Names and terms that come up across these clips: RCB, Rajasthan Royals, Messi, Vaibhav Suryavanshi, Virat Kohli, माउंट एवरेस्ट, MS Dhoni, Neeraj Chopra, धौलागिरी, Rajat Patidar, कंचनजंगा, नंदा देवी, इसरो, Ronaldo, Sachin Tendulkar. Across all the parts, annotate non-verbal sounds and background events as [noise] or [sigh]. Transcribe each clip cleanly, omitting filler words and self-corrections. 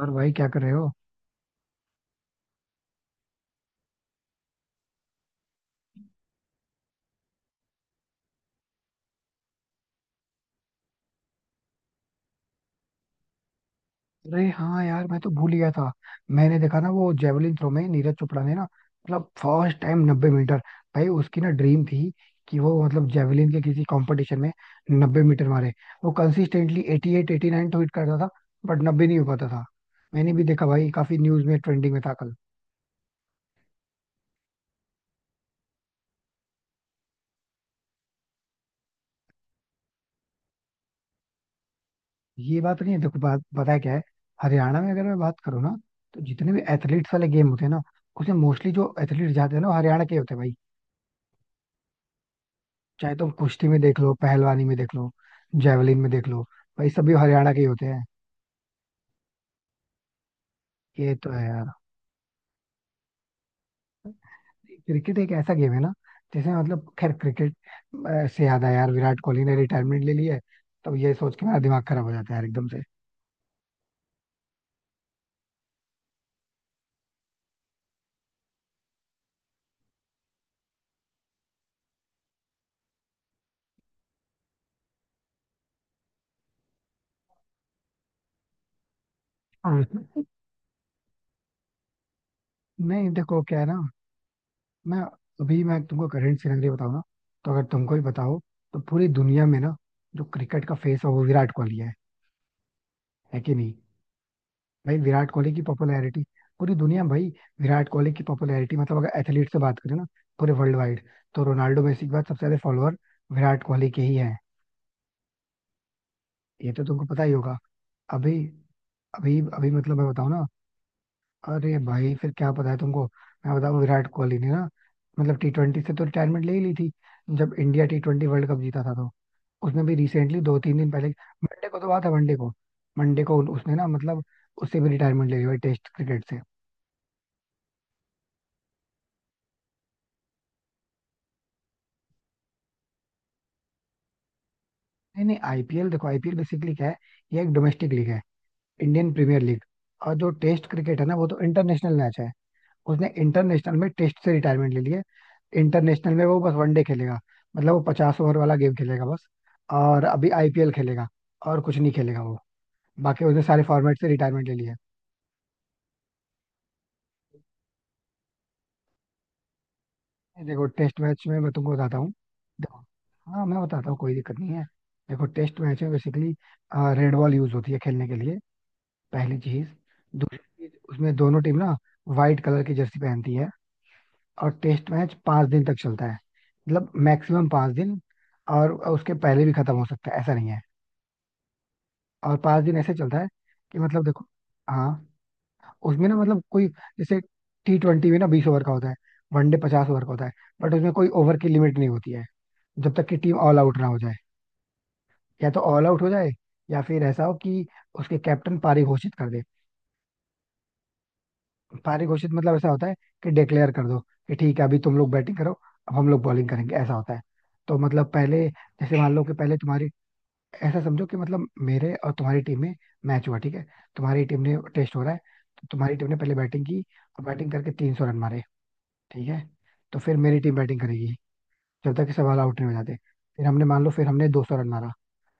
और भाई, क्या कर रहे हो? अरे हाँ यार, मैं तो भूल गया था। मैंने देखा ना वो जेवलिन थ्रो में, नीरज चोपड़ा ने ना मतलब फर्स्ट टाइम 90 मीटर। भाई उसकी ना ड्रीम थी कि वो मतलब जेवलिन के किसी कंपटीशन में 90 मीटर मारे। वो कंसिस्टेंटली 88, 89 तो हिट करता था, बट 90 नहीं हो पाता था। मैंने भी देखा भाई, काफी न्यूज में ट्रेंडिंग में था कल। ये बात नहीं है, देखो बात बताया क्या है। हरियाणा में अगर मैं बात करूँ ना, तो जितने भी एथलीट्स वाले गेम होते हैं ना, उसमें मोस्टली जो एथलीट जाते हैं ना वो हरियाणा के ही होते हैं भाई। चाहे तुम कुश्ती में देख लो, पहलवानी में देख लो, जेवलिन में देख लो, भाई सभी हरियाणा के ही होते हैं। ये तो है यार। क्रिकेट एक ऐसा गेम है ना, जैसे मतलब खैर, क्रिकेट से याद आया यार, विराट कोहली ने रिटायरमेंट ले ली है। तब ये सोच के मेरा दिमाग खराब हो जाता है यार, एकदम से। [laughs] हाँ। नहीं देखो क्या है ना, मैं अभी मैं तुमको करंट सिनेरियो बताऊँ ना, तो अगर तुमको ही बताओ, तो पूरी दुनिया में ना जो क्रिकेट का फेस है वो विराट कोहली है। है कि नहीं? भाई विराट कोहली की पॉपुलैरिटी पूरी दुनिया में भाई। विराट कोहली की पॉपुलैरिटी मतलब, अगर एथलीट से बात करें ना पूरे वर्ल्ड वाइड, तो रोनाल्डो मेसी के बाद सबसे ज्यादा फॉलोअर विराट कोहली के ही हैं। ये तो तुमको पता ही होगा। अभी अभी अभी मतलब मैं बताऊं ना, अरे भाई फिर क्या पता है तुमको। मैं बताऊं, विराट कोहली ने ना मतलब टी ट्वेंटी से तो रिटायरमेंट ले ही ली थी जब India T twenty world cup जीता था तो। उसमें भी रिसेंटली दो तीन दिन पहले, मंडे को, तो बात है मंडे को उसने ना मतलब उससे भी रिटायरमेंट ले ली भाई, टेस्ट क्रिकेट से। नहीं नहीं आईपीएल, देखो आईपीएल बेसिकली क्या है, ये एक डोमेस्टिक लीग है, इंडियन प्रीमियर लीग। और जो टेस्ट क्रिकेट है ना वो तो इंटरनेशनल मैच है। उसने इंटरनेशनल में टेस्ट से रिटायरमेंट ले लिया। इंटरनेशनल में वो बस वनडे खेलेगा। मतलब वो 50 ओवर वाला गेम खेलेगा बस, और अभी आईपीएल खेलेगा, और कुछ नहीं खेलेगा वो। बाकी उसने सारे फॉर्मेट से रिटायरमेंट ले लिया। है देखो टेस्ट मैच में मैं तुमको बताता हूँ। देखो हाँ, मैं बताता हूँ, कोई दिक्कत नहीं है। देखो टेस्ट मैच में बेसिकली रेड बॉल यूज होती है खेलने के लिए, पहली चीज। दूसरी चीज, उसमें दोनों टीम ना व्हाइट कलर की जर्सी पहनती है। और टेस्ट मैच 5 दिन तक चलता है। मतलब मैक्सिमम 5 दिन, और उसके पहले भी खत्म हो सकता है, ऐसा नहीं है। और 5 दिन ऐसे चलता है कि मतलब देखो हाँ, उसमें ना मतलब कोई, जैसे टी ट्वेंटी में ना 20 ओवर का होता है, वनडे 50 ओवर का होता है, बट उसमें कोई ओवर की लिमिट नहीं होती है जब तक कि टीम ऑल आउट ना हो जाए। या तो ऑल आउट हो जाए, या फिर ऐसा हो कि उसके कैप्टन पारी घोषित कर दे। पारी घोषित मतलब ऐसा होता है कि डिक्लेयर कर दो कि ठीक है, अभी तुम लोग बैटिंग करो, अब हम लोग बॉलिंग करेंगे, ऐसा होता है। तो मतलब पहले जैसे मान लो कि पहले तुम्हारी, ऐसा समझो कि मतलब मेरे और तुम्हारी टीम में मैच हुआ, ठीक है। तुम्हारी टीम ने, टेस्ट हो रहा है, तो तुम्हारी टीम ने पहले बैटिंग की, और बैटिंग करके 300 रन मारे, ठीक है। तो फिर मेरी टीम बैटिंग करेगी जब तक कि सब ऑल आउट नहीं हो जाते। फिर हमने मान लो, फिर हमने 200 रन मारा,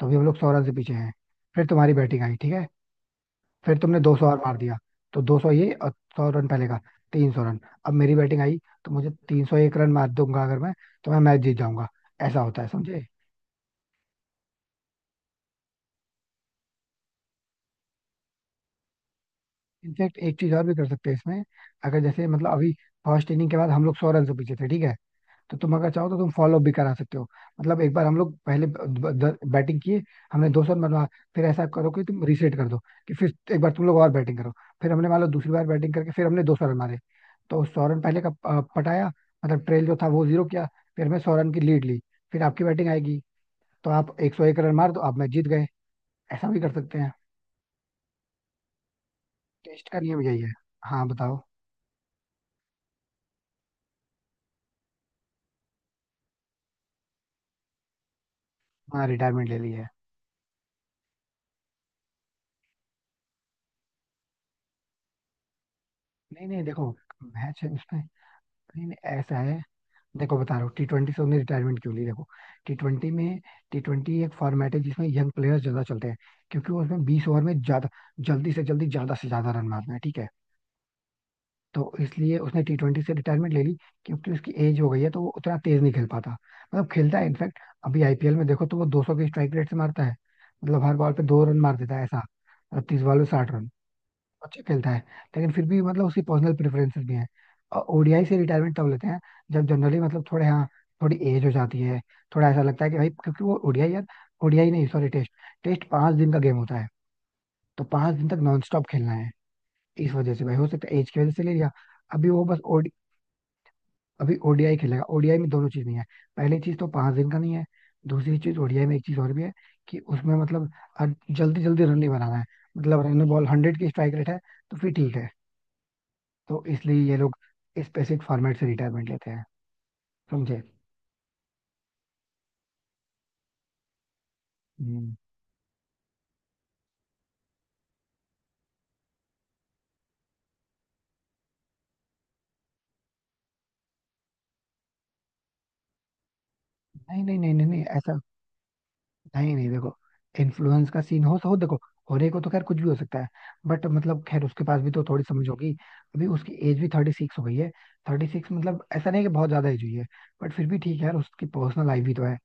तो अभी हम लोग 100 रन से पीछे हैं। फिर तुम्हारी बैटिंग आई, ठीक है। फिर तुमने 200 और मार दिया, तो 200 ये, और 100 रन पहले का, 300 रन। अब मेरी बैटिंग आई, तो मुझे 301 रन मार दूंगा अगर मैं, तो मैं मैच जीत जाऊंगा। ऐसा होता है, समझे? इनफेक्ट एक चीज और भी कर सकते हैं इसमें। अगर जैसे मतलब अभी फर्स्ट इनिंग के बाद हम लोग सौ रन से पीछे थे, ठीक है। तो तुम अगर चाहो तो तुम फॉलो भी करा सकते हो। मतलब एक बार हम लोग पहले बैटिंग किए, हमने दो सौ रन बनवा, फिर ऐसा करो कि तुम रीसेट कर दो, कि फिर एक बार तुम लोग और बैटिंग करो। फिर हमने मान लो दूसरी बार बैटिंग करके फिर हमने 200 रन मारे। तो 100 रन पहले का पटाया, मतलब ट्रेल जो था वो जीरो किया। फिर हमने 100 रन की लीड ली, फिर आपकी बैटिंग आएगी, तो आप 101 रन मार दो, आप मैच जीत गए। ऐसा भी कर सकते हैं। टेस्ट का नियम यही है। हाँ बताओ। हाँ रिटायरमेंट ले ली है। नहीं नहीं देखो, मैच है उसमें, नहीं नहीं ऐसा है। देखो बता रहा हूँ टी ट्वेंटी से उन्हें रिटायरमेंट क्यों ली, देखो। टी ट्वेंटी में, टी ट्वेंटी एक फॉर्मेट है जिसमें यंग प्लेयर्स ज्यादा चलते हैं, क्योंकि उसमें 20 ओवर में ज्यादा जल्दी से जल्दी ज्यादा से ज्यादा रन मारना है, ठीक है। तो इसलिए उसने टी ट्वेंटी से रिटायरमेंट ले ली, क्योंकि उसकी एज हो गई है, तो वो उतना तेज नहीं खेल पाता, मतलब खेलता है इनफैक्ट। अभी आईपीएल में देखो तो वो 200 के स्ट्राइक रेट से मारता है, मतलब हर बॉल पे दो रन मार देता है ऐसा। और 30 बॉल में 60 रन, अच्छा खेलता है। लेकिन फिर भी मतलब उसकी पर्सनल प्रेफरेंसेस भी हैं। और ओडीआई से रिटायरमेंट तब लेते हैं जब जनरली मतलब थोड़े, हाँ थोड़ी एज हो जाती है, थोड़ा ऐसा लगता है कि भाई, क्योंकि वो ओडीआई यार, ओडीआई नहीं सॉरी, टेस्ट। टेस्ट 5 दिन का गेम होता है, तो 5 दिन तक नॉन स्टॉप खेलना है। इस वजह से भाई, हो सकता है एज की वजह से ले लिया। अभी वो बस ओडी, अभी ओडीआई खेलेगा। ओडीआई में दोनों चीज नहीं है। पहली चीज तो 5 दिन का नहीं है। दूसरी चीज ओडीआई में एक चीज और भी है, कि उसमें मतलब जल्दी जल्दी रन नहीं बनाना है, मतलब रन बॉल 100 की स्ट्राइक रेट है। तो फिर ठीक है। तो इसलिए ये लोग स्पेसिफिक फॉर्मेट से रिटायरमेंट लेते हैं, समझे? हम्म। नहीं नहीं नहीं नहीं नहीं, ऐसा नहीं नहीं देखो, इन्फ्लुएंस का सीन हो तो हो, देखो होने को तो खैर कुछ भी हो सकता है, बट मतलब खैर उसके पास भी तो थोड़ी समझ होगी। अभी उसकी एज भी 36 हो गई है। 36 मतलब ऐसा नहीं कि बहुत ज्यादा एज हुई है, बट फिर भी ठीक है यार, उसकी पर्सनल लाइफ भी तो है।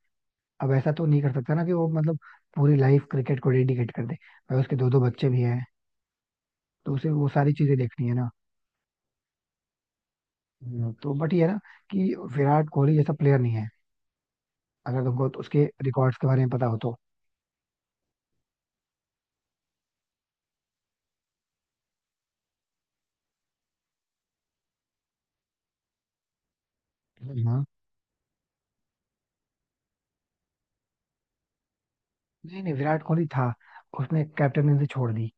अब ऐसा तो नहीं कर सकता ना कि वो मतलब पूरी लाइफ क्रिकेट को डेडिकेट कर दे। भाई उसके दो दो बच्चे भी हैं, तो उसे वो सारी चीजें देखनी है ना। हम्म। तो बट ये है ना कि विराट कोहली जैसा प्लेयर नहीं है, अगर तुमको तो उसके रिकॉर्ड्स के बारे में पता हो तो। हाँ। नहीं नहीं विराट कोहली था, उसने कैप्टनसी छोड़ दी,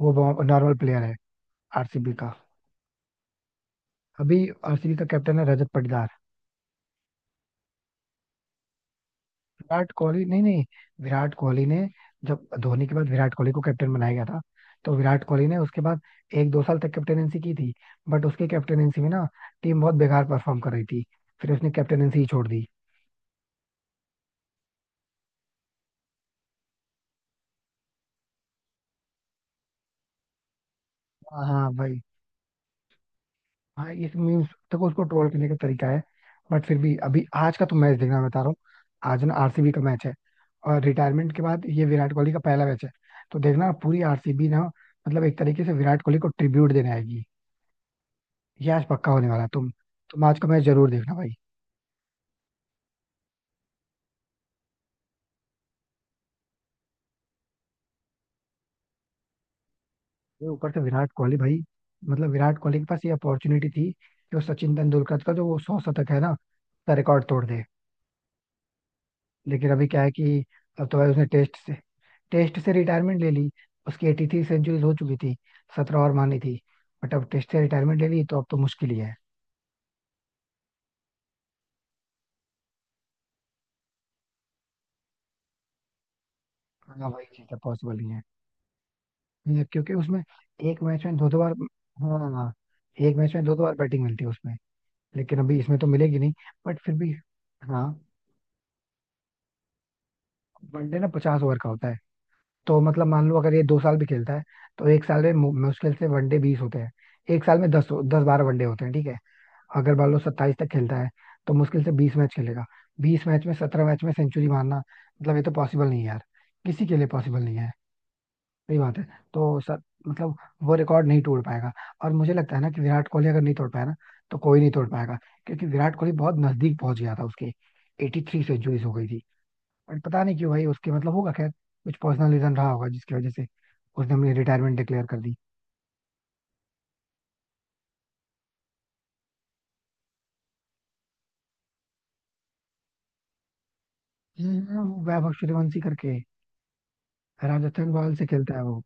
वो नॉर्मल प्लेयर है आरसीबी का। अभी आरसीबी का कैप्टन है रजत पाटीदार। विराट कोहली नहीं नहीं, विराट कोहली ने, जब धोनी के बाद विराट कोहली को कैप्टन बनाया गया था, तो विराट कोहली ने उसके बाद एक दो साल तक कैप्टनसी की थी, बट उसके कैप्टनसी में ना टीम बहुत बेकार परफॉर्म कर रही थी, फिर उसने कैप्टनसी ही छोड़ दी। हाँ हाँ भाई। हाँ ये मीम्स देखो, उसको ट्रोल करने का तरीका है। बट फिर भी अभी आज का तो मैच देखना, मैं बता रहा हूँ। आज ना आरसीबी का मैच है, और रिटायरमेंट के बाद ये विराट कोहली का पहला मैच है। तो देखना, पूरी आरसीबी ना मतलब एक तरीके से विराट कोहली को ट्रिब्यूट देने आएगी। ये आज पक्का होने वाला है, तुम आज का मैच जरूर देखना भाई। ये ऊपर से विराट कोहली भाई, मतलब विराट कोहली के पास ये अपॉर्चुनिटी थी कि वो सचिन तेंदुलकर का जो वो 100 शतक है ना उसका रिकॉर्ड तोड़ दे। लेकिन अभी क्या है कि अब तो भाई उसने टेस्ट से रिटायरमेंट ले ली। उसकी 83 सेंचुरीज हो चुकी थी, 17 और मानी थी, बट अब टेस्ट से रिटायरमेंट ले ली तो अब तो मुश्किल ही है। हाँ वही चीज है, पॉसिबल नहीं है। ये क्योंकि उसमें एक मैच में दो दो बार, हाँ एक मैच में दो दो बार बैटिंग मिलती है उसमें, लेकिन अभी इसमें तो मिलेगी नहीं। बट फिर भी, हाँ वनडे ना 50 ओवर का होता है, तो मतलब मान लो अगर ये दो साल भी खेलता है, तो एक साल में मुश्किल से वनडे 20 होते हैं, एक साल में दस, 10-12 वनडे होते हैं, ठीक है। अगर बालो 27 तक खेलता है, तो मुश्किल से 20 मैच खेलेगा। 20 मैच में 17 मैच में सेंचुरी मारना, मतलब ये तो पॉसिबल नहीं है यार, किसी के लिए पॉसिबल नहीं है। सही बात है। तो सर मतलब वो रिकॉर्ड नहीं तोड़ पाएगा। और मुझे लगता है ना कि विराट कोहली अगर नहीं तोड़ पाया ना, तो कोई नहीं तोड़ पाएगा, क्योंकि विराट कोहली बहुत नजदीक पहुंच गया था उसके। 83 सेंचुरीज हो गई थी। बट पता नहीं क्यों भाई उसके, मतलब होगा खैर कुछ पर्सनल रीजन रहा होगा जिसकी वजह से उसने अपनी रिटायरमेंट डिक्लेयर कर दी। हम्म। वो वैभव सूर्यवंशी करके राजस्थान रॉयल्स से खेलता है वो।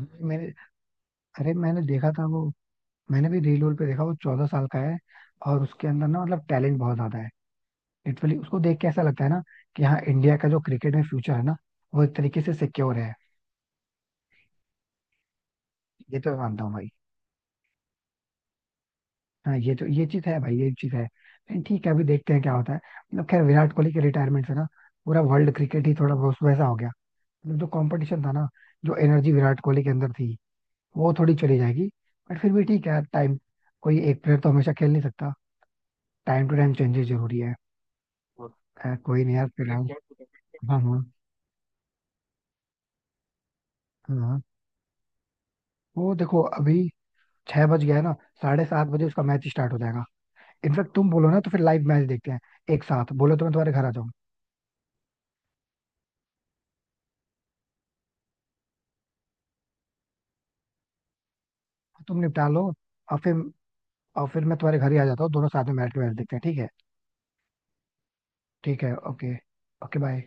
मैंने, अरे मैंने देखा था वो, मैंने भी रील पे देखा, वो 14 साल का है और उसके अंदर ना मतलब टैलेंट बहुत ज्यादा है। लिटरली उसको देख के ऐसा लगता है ना कि हाँ, इंडिया का जो क्रिकेट में फ्यूचर है ना, वो एक तरीके से सिक्योर है। ये तो मैं मानता हूँ भाई। हाँ ये तो, ये चीज है भाई, ये चीज है, लेकिन ठीक है अभी देखते हैं क्या होता है। मतलब खैर विराट कोहली के रिटायरमेंट से ना पूरा वर्ल्ड क्रिकेट ही थोड़ा बहुत वैसा हो गया। मतलब जो कॉम्पिटिशन था ना, जो एनर्जी विराट कोहली के अंदर थी, वो थोड़ी चली जाएगी। बट फिर भी ठीक है, टाइम, कोई एक प्लेयर तो हमेशा खेल नहीं सकता, टाइम टू टाइम चेंजेस जरूरी है। खैर कोई नहीं यार, फिलहाल। हाँ हाँ हाँ। वो देखो अभी 6 बज गया है ना, 7:30 बजे उसका मैच स्टार्ट हो जाएगा। इनफेक्ट तुम बोलो ना, तो फिर लाइव मैच देखते हैं एक साथ, बोलो तो मैं तुम्हारे घर आ जाऊँ। तुम निपटा लो, और फिर और फिर मैं तुम्हारे घर ही आ जाता हूँ, दोनों साथ में मैच मैच देखते हैं, ठीक है? ठीक है, ओके। Okay bye.